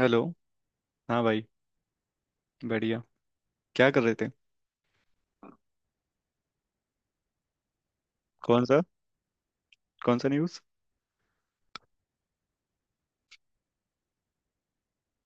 Hello. हाँ भाई, बढ़िया। क्या कर रहे थे? कौन सा? कौन सा न्यूज़?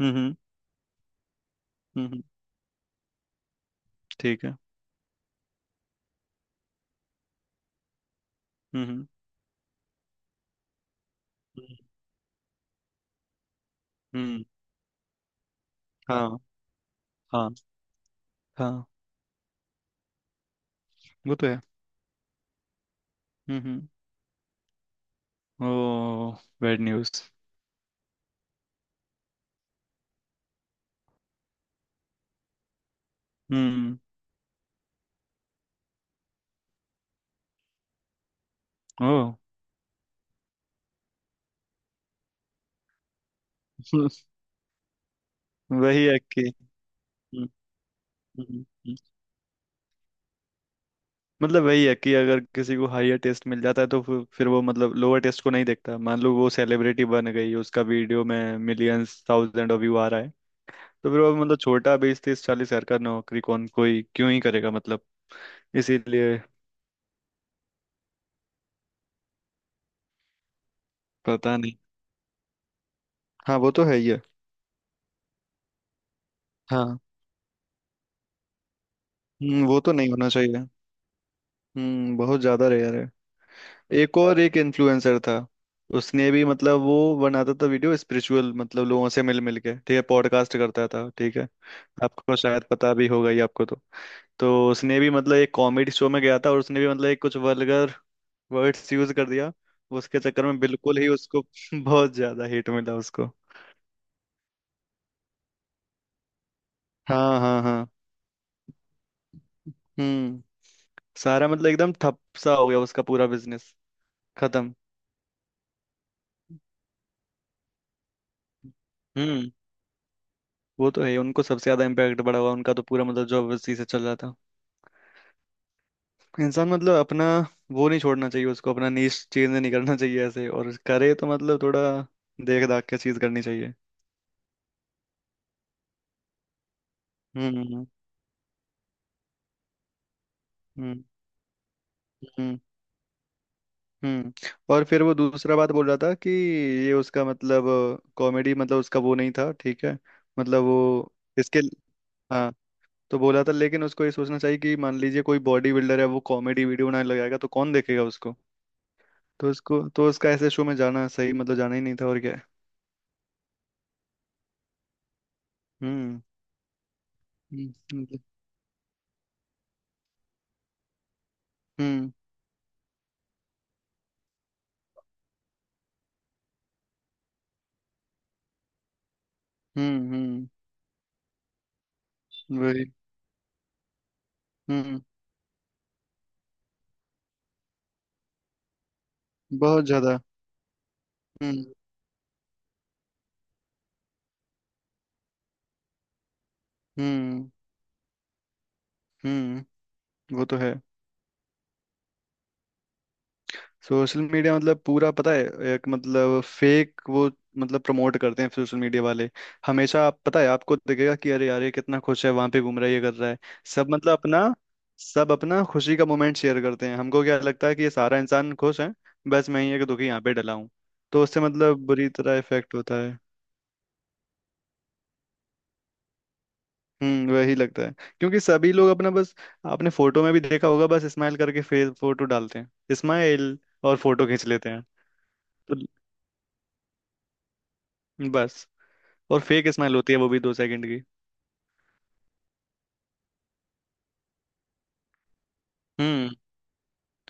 हम्म। हम्म हम्म, ठीक है। हम्म। हम्म हम्म, हाँ हाँ हाँ। वो तो है। हम्म। Oh, bad news. हम्म। ओ। वही है कि हम्म, हम्म, हम्म। मतलब वही है कि अगर किसी को हायर टेस्ट मिल जाता है तो फिर वो, मतलब, लोअर टेस्ट को नहीं देखता। मान लो वो सेलिब्रिटी बन गई, उसका वीडियो में मिलियंस थाउजेंड व्यू आ रहा है, तो फिर वो मतलब छोटा 20 30 40 हजार का नौकरी कौन, कोई क्यों ही करेगा मतलब, इसीलिए। पता नहीं। हाँ वो तो है ही है। हाँ। हम्म, वो तो नहीं होना चाहिए। हम्म, बहुत ज्यादा रेयर है। एक और एक इन्फ्लुएंसर था। उसने भी मतलब वो बनाता था वीडियो स्पिरिचुअल, मतलब लोगों से मिल मिल के, ठीक है, पॉडकास्ट करता था, ठीक है। आपको शायद पता भी होगा ही आपको तो। तो उसने भी मतलब एक कॉमेडी शो में गया था और उसने भी मतलब एक कुछ वल्गर वर्ड्स यूज कर दिया। उसके चक्कर में बिल्कुल ही उसको बहुत ज्यादा हिट मिला उसको। हाँ हाँ हाँ। हम्म, सारा मतलब एकदम ठप सा हो गया उसका पूरा बिजनेस, खत्म। हम्म वो तो है ही, उनको सबसे ज्यादा इम्पैक्ट पड़ा हुआ, उनका तो पूरा मतलब जॉब उसी से चल रहा था। इंसान मतलब अपना वो नहीं छोड़ना चाहिए, उसको अपना नीश चेंज नहीं करना चाहिए ऐसे, और करे तो मतलब थोड़ा देख दाख के चीज करनी चाहिए। हम्म हम्म हम्म हम्म हम्म, हम्म। और फिर वो दूसरा बात बोल रहा था कि ये उसका मतलब कॉमेडी मतलब उसका वो नहीं था, ठीक है। मतलब वो इसके हाँ, तो बोला था। लेकिन उसको ये सोचना चाहिए कि मान लीजिए कोई बॉडी बिल्डर है, वो कॉमेडी वीडियो बनाने लगाएगा तो कौन देखेगा उसको। तो उसको तो उसका ऐसे शो में जाना सही, मतलब जाना ही नहीं था और क्या है। हम्म हम्म मतलब- हम्म हम्म। वही। हम्म, बहुत ज्यादा। हम्म हम्म। हम्म वो तो है। सोशल मीडिया मतलब पूरा पता है। एक मतलब फेक वो, मतलब प्रमोट करते हैं सोशल मीडिया वाले हमेशा। आप पता है आपको दिखेगा कि अरे यार ये कितना खुश है, वहां पे घूम रहा है, ये कर रहा है। सब मतलब अपना, सब अपना खुशी का मोमेंट शेयर करते हैं, हमको क्या लगता है कि ये सारा इंसान खुश है, बस मैं ही एक दुखी यहाँ पे डला हूँ। तो उससे मतलब बुरी तरह इफेक्ट होता है। हम्म, वही लगता है। क्योंकि सभी लोग अपना बस, आपने फोटो में भी देखा होगा बस स्माइल करके फेस, फोटो डालते हैं स्माइल और फोटो खींच लेते हैं। तो बस, और फेक स्माइल होती है वो भी 2 सेकंड की। हम्म।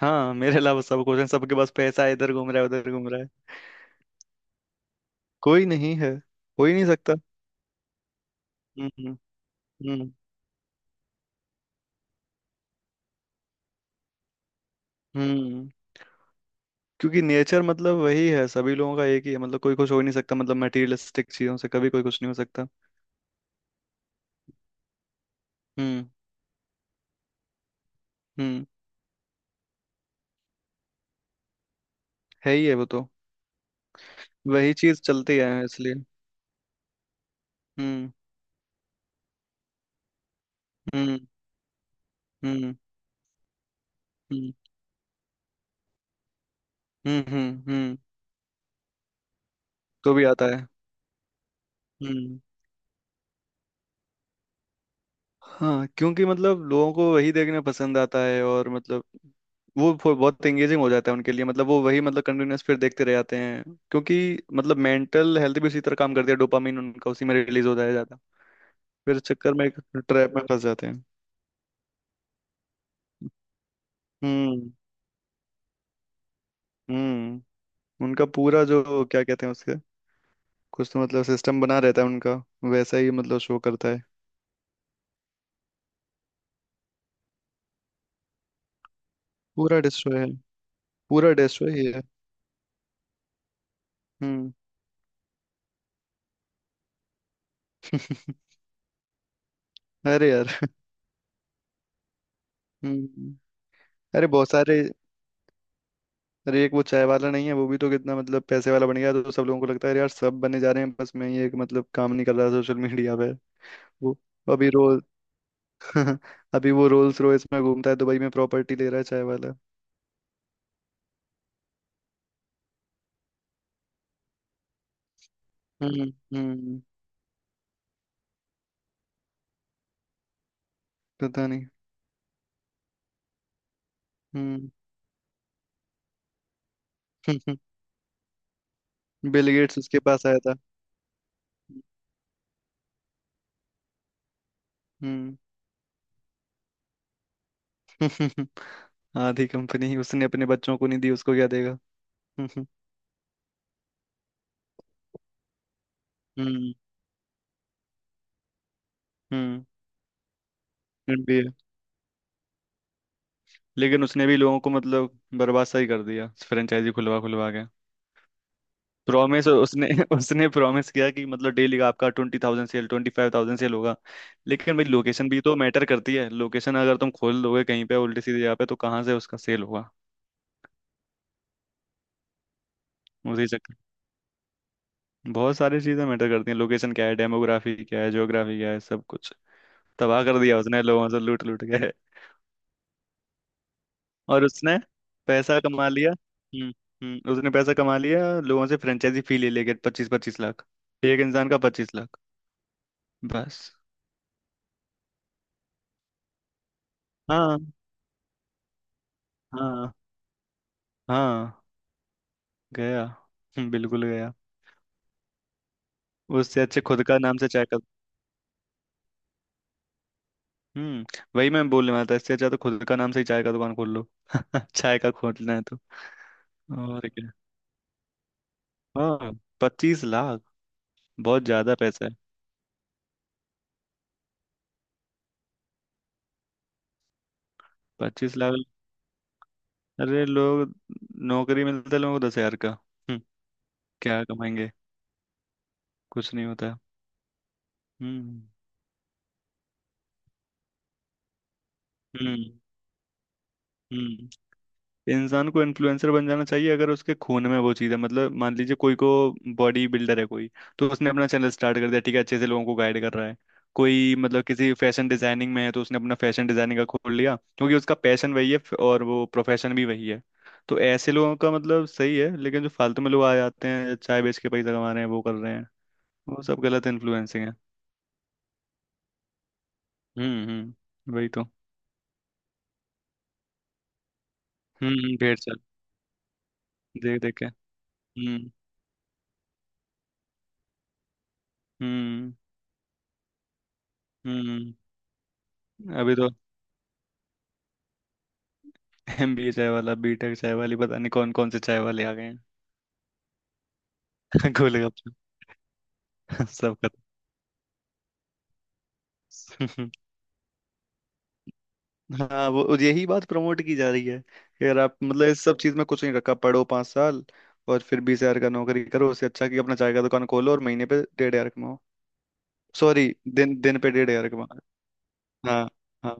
हाँ मेरे अलावा सब कुछ है, सबके पास पैसा है, इधर घूम रहा है, उधर घूम रहा है। कोई नहीं है। हो ही नहीं सकता। हम्म हम्म हम्म हम्म। क्योंकि नेचर मतलब वही है, सभी लोगों का एक ही है, मतलब कोई कुछ हो ही नहीं सकता, मतलब मटेरियलिस्टिक चीजों से कभी कोई कुछ नहीं हो सकता। हम्म हम्म, है ही है वो तो। वही चीज चलती है इसलिए। हम्म हम्म हम्म हम्म हम्म हम्म हम्म, तो भी आता है। हम्म। हाँ क्योंकि मतलब लोगों को वही देखना पसंद आता है और मतलब वो बहुत एंगेजिंग हो जाता है उनके लिए, मतलब वो वही मतलब कंटिन्यूअस फिर देखते रह जाते हैं। क्योंकि मतलब मेंटल हेल्थ भी उसी तरह काम करती है, डोपामिन उनका उसी में रिलीज होता है, जाता है। फिर इस चक्कर में एक ट्रैप में फंस जाते हैं। हम्म हम्म। उनका पूरा जो क्या कहते हैं उसके कुछ तो मतलब सिस्टम बना रहता है उनका, वैसा ही मतलब शो करता है। पूरा डिस्ट्रॉय है। पूरा डिस्ट्रॉय ही है। हम्म अरे यार। हम्म। अरे बहुत सारे, अरे एक वो चाय वाला नहीं है वो भी तो कितना मतलब पैसे वाला बन गया, तो सब लोगों को लगता है यार सब बने जा रहे हैं बस मैं ही एक मतलब काम नहीं कर रहा सोशल मीडिया पे। वो अभी रोल अभी वो रोल्स रॉयस में घूमता है दुबई में, प्रॉपर्टी ले रहा है चाय वाला। हम्म हम्म, पता नहीं। हम्म बिल गेट्स उसके पास आया था। हम्म आधी कंपनी उसने अपने बच्चों को नहीं दी उसको क्या देगा। हम्म। हम्म भी है। लेकिन उसने भी लोगों को मतलब बर्बाद सा ही कर दिया फ्रेंचाइजी खुलवा खुलवा के। प्रॉमिस उसने उसने प्रॉमिस किया कि मतलब डेली का आपका 20,000 सेल, 25,000 सेल होगा। लेकिन भाई लोकेशन भी तो मैटर करती है। लोकेशन अगर तुम खोल दोगे कहीं पे उल्टी सीधी जगह पे तो कहाँ से उसका सेल होगा। उसी चक्कर, बहुत सारी चीजें मैटर करती हैं, लोकेशन क्या है, डेमोग्राफी क्या है, ज्योग्राफी क्या है, सब कुछ तबाह कर दिया उसने लोगों से लूट लूट के। और उसने पैसा कमा लिया। हम्म, उसने पैसा कमा लिया लोगों से, फ्रेंचाइजी फी ले लेके 25 25 लाख। एक इंसान का 25 लाख। बस। हाँ हाँ हाँ, गया। बिल्कुल गया। उससे अच्छे खुद का नाम से चाय का। हम्म, वही मैं बोलने वाला था, इससे अच्छा तो खुद का नाम से ही चाय का दुकान खोल लो चाय का खोलना है तो। और क्या, हाँ। 25 लाख बहुत ज्यादा पैसा है। पच्चीस लाख। अरे लोग, नौकरी मिलता है लोगों को 10 हजार का। क्या कमाएंगे। कुछ नहीं होता। हम्म हम्म हम्म। इंसान को इन्फ्लुएंसर बन जाना चाहिए अगर उसके खून में वो चीज़ है, मतलब मान लीजिए कोई को बॉडी बिल्डर है कोई, तो उसने अपना चैनल स्टार्ट कर दिया, ठीक है, अच्छे से लोगों को गाइड कर रहा है। कोई मतलब किसी फैशन डिजाइनिंग में है तो उसने अपना फैशन डिजाइनिंग का खोल लिया क्योंकि उसका पैशन वही है और वो प्रोफेशन भी वही है। तो ऐसे लोगों का मतलब सही है, लेकिन जो फालतू में लोग आ जाते हैं चाय बेच के पैसा कमा रहे हैं वो कर रहे हैं, वो सब गलत इन्फ्लुएंसिंग है। हम्म, वही तो। भेड़ चाल, देख देख के। हम्म हम्म हम्म। अभी तो एम बी ए चाय वाला, बी टेक चाय वाली, पता नहीं कौन कौन से चाय वाले आ गए हैं। गोलगप्पे। सब खत्म। हाँ वो, और यही बात प्रमोट की जा रही है कि अगर आप मतलब इस सब चीज में कुछ नहीं रखा, पढ़ो 5 साल और फिर 20 हजार का नौकरी करो, उससे अच्छा कि अपना चाय का दुकान खोलो और महीने पे 1500 कमाओ। सॉरी, दिन दिन पे 1500 कमाओ। हाँ हाँ।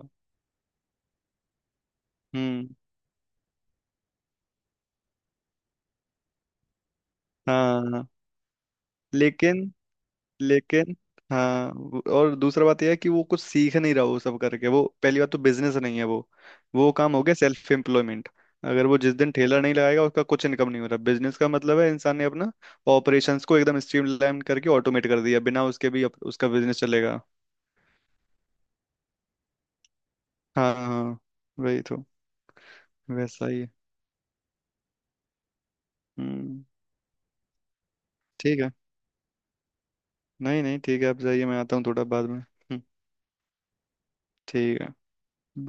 हम्म। हाँ हाँ, हाँ। लेकिन लेकिन हाँ और दूसरा बात यह है कि वो कुछ सीख नहीं रहा वो सब करके। वो पहली बात तो बिजनेस नहीं है वो काम हो गया सेल्फ एम्प्लॉयमेंट। अगर वो जिस दिन ठेला नहीं लगाएगा उसका कुछ इनकम नहीं हो रहा। बिजनेस का मतलब है इंसान ने अपना ऑपरेशंस को एकदम स्ट्रीमलाइन करके ऑटोमेट कर दिया, बिना उसके भी उसका बिजनेस चलेगा। हाँ हाँ, वही तो। वैसा ही है। हम्म, ठीक है। नहीं नहीं ठीक है, आप जाइए मैं आता हूँ थोड़ा बाद में। ठीक है।